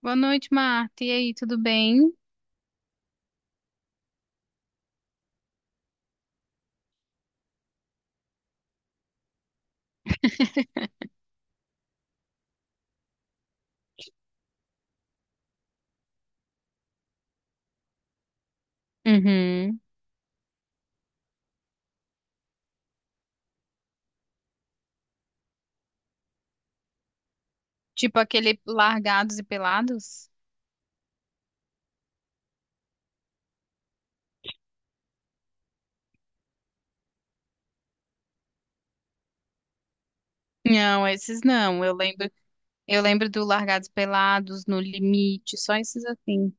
Boa noite, Marta. E aí, tudo bem? Uhum. Tipo aquele Largados e Pelados? Não, esses não. Eu lembro do Largados e Pelados, No Limite, só esses assim.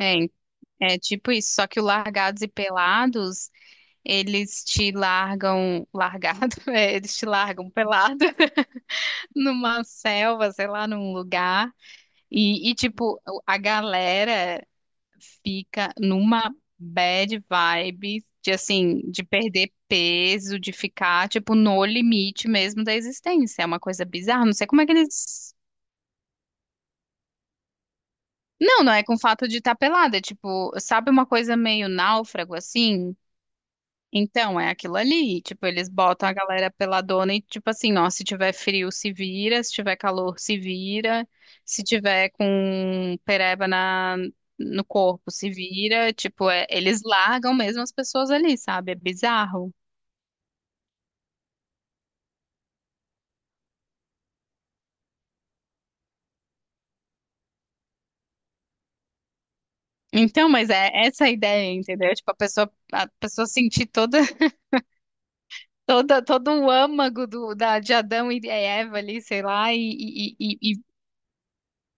É, é tipo isso, só que o Largados e Pelados, eles te largam largado, é, eles te largam pelado numa selva, sei lá, num lugar. E tipo, a galera fica numa bad vibe de assim, de perder peso, de ficar tipo no limite mesmo da existência. É uma coisa bizarra, não sei como é que eles. Não, não é com o fato de estar pelada, é tipo, sabe uma coisa meio náufrago assim? Então, é aquilo ali. Tipo, eles botam a galera peladona e, tipo assim, ó, se tiver frio, se vira, se tiver calor, se vira, se tiver com pereba na, no corpo, se vira. Tipo, eles largam mesmo as pessoas ali, sabe? É bizarro. Então, mas é essa a ideia, entendeu? Tipo, a pessoa sentir toda, toda, todo o âmago do, da, de Adão e Eva ali, sei lá,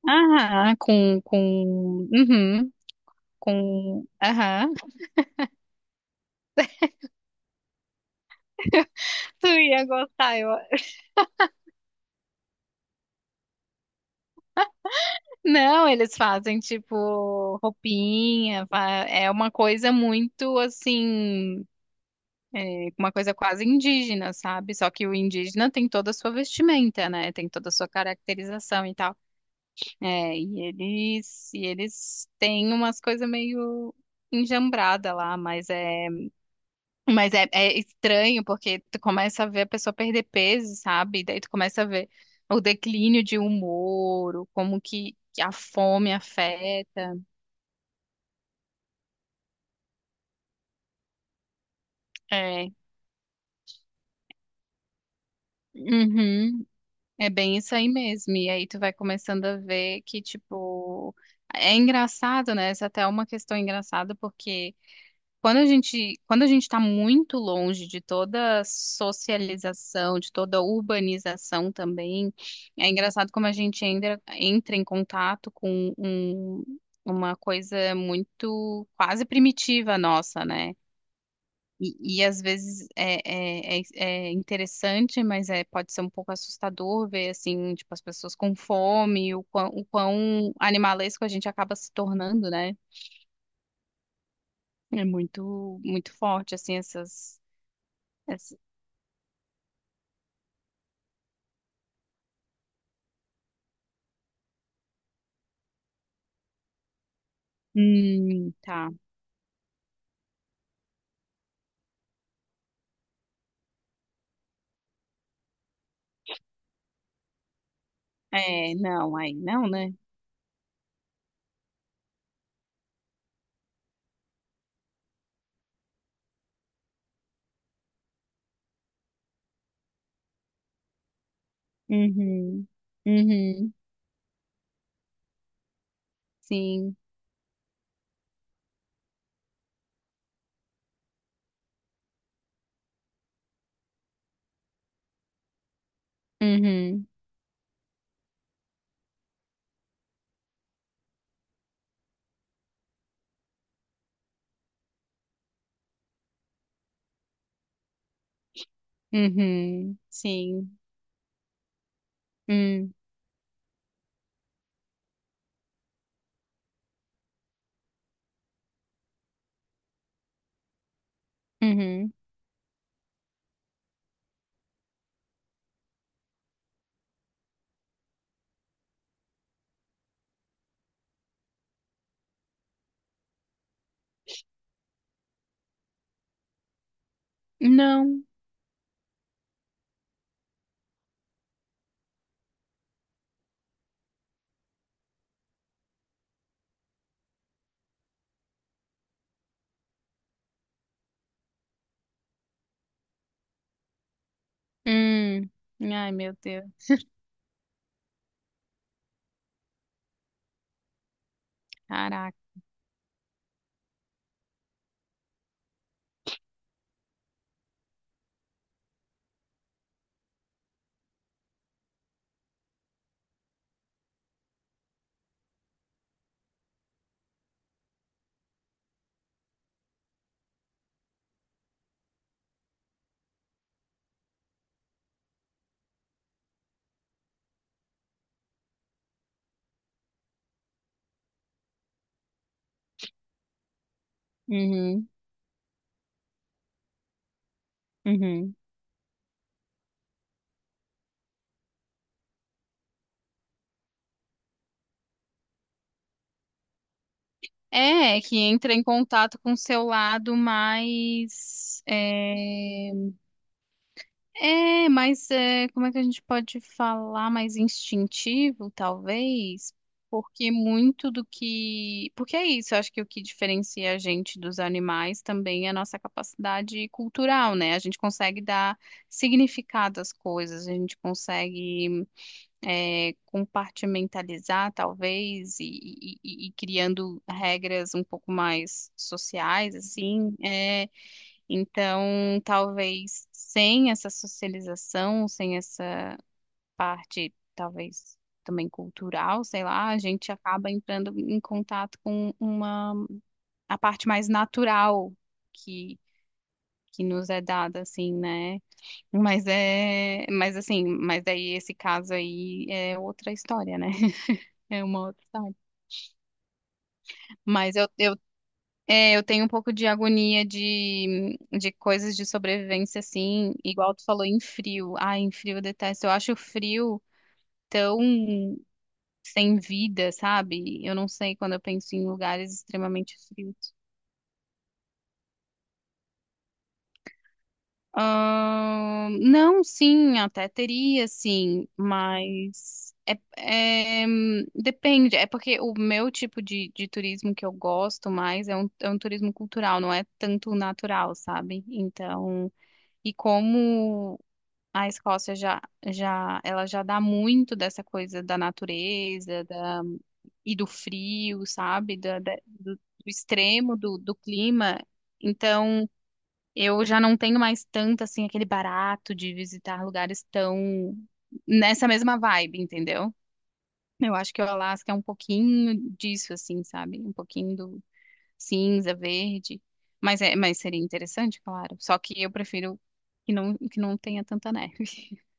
ah, com, uhum, com, aham. Tu ia gostar, eu... Não, eles fazem tipo roupinha, é uma coisa muito assim, é, uma coisa quase indígena, sabe? Só que o indígena tem toda a sua vestimenta, né? Tem toda a sua caracterização e tal. É, e eles têm umas coisas meio enjambrada lá, mas é. Mas é, é estranho porque tu começa a ver a pessoa perder peso, sabe? E daí tu começa a ver o declínio de humor, o como que a fome afeta. É. Uhum. É bem isso aí mesmo. E aí tu vai começando a ver que, tipo, é engraçado, né? Essa até é uma questão engraçada, porque quando a gente está muito longe de toda socialização, de toda urbanização também, é engraçado como a gente ainda entra em contato com uma coisa muito quase primitiva nossa, né? E às vezes é, é, interessante, mas é, pode ser um pouco assustador ver assim, tipo, as pessoas com fome, o quão animalesco a gente acaba se tornando, né? É muito, muito forte, assim, essas. Tá. É, não, aí não, né? Uhum. Uhum. Sim. Uhum. Uhum. Sim. Hum. Uhum. Não. Hum. Ai, meu Deus. Caraca. Uhum. Uhum. É, é que entra em contato com o seu lado mais, é. É, mas é, como é que a gente pode falar mais instintivo, talvez? Porque muito do que. Porque é isso, eu acho que o que diferencia a gente dos animais também é a nossa capacidade cultural, né? A gente consegue dar significado às coisas, a gente consegue é, compartimentalizar, talvez, e criando regras um pouco mais sociais, assim. É, então, talvez sem essa socialização, sem essa parte, talvez também cultural, sei lá, a gente acaba entrando em contato com uma a parte mais natural que que nos é dada assim, né? Mas é, mas assim, mas daí esse caso aí é outra história, né? É uma outra história. Mas eu é, eu tenho um pouco de agonia de coisas de sobrevivência, assim, igual tu falou, em frio. Ai, em frio eu detesto. Eu acho o frio tão sem vida, sabe? Eu não sei quando eu penso em lugares extremamente frios. Não, sim, até teria, sim, mas é, é, depende. É porque o meu tipo de turismo que eu gosto mais é um turismo cultural, não é tanto natural, sabe? Então. E como a Escócia já, já, ela já dá muito dessa coisa da natureza, da, e do frio, sabe? Da, do, do extremo do, do clima. Então, eu já não tenho mais tanto, assim, aquele barato de visitar lugares tão nessa mesma vibe, entendeu? Eu acho que o Alasca é um pouquinho disso, assim, sabe? Um pouquinho do, cinza, verde. Mas, é, mas seria interessante, claro. Só que eu prefiro que não tenha tanta neve.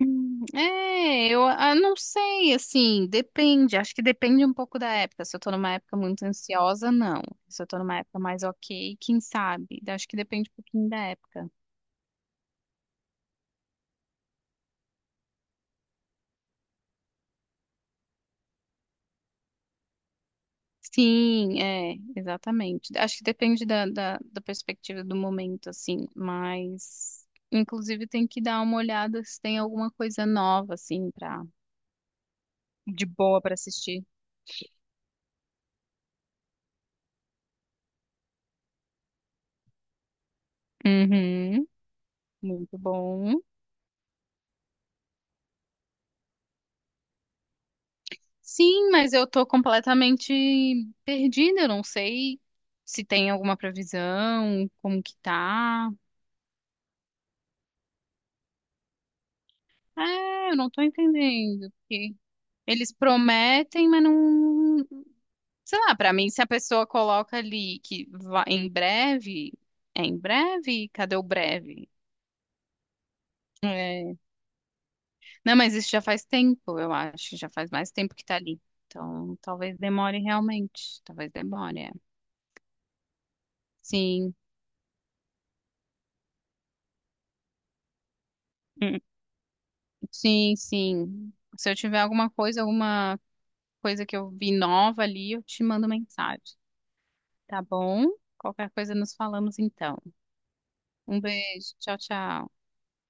É, eu ah, não sei, assim, depende. Acho que depende um pouco da época. Se eu tô numa época muito ansiosa, não. Se eu tô numa época mais ok, quem sabe? Acho que depende um pouquinho da época. Sim, é, exatamente. Acho que depende da, da, da perspectiva do momento, assim, mas inclusive tem que dar uma olhada se tem alguma coisa nova, assim, pra de boa pra assistir. Uhum. Muito bom. Sim, mas eu tô completamente perdida, eu não sei se tem alguma previsão, como que tá. É, eu não tô entendendo, porque eles prometem, mas não, sei lá, pra mim se a pessoa coloca ali que vai em breve, é em breve? Cadê o breve? É, não, mas isso já faz tempo, eu acho, já faz mais tempo que tá ali. Então, talvez demore realmente, talvez demore. É. Sim, hum, sim, sim. Se eu tiver alguma coisa que eu vi nova ali, eu te mando mensagem, tá bom? Qualquer coisa nos falamos então. Um beijo, tchau, tchau.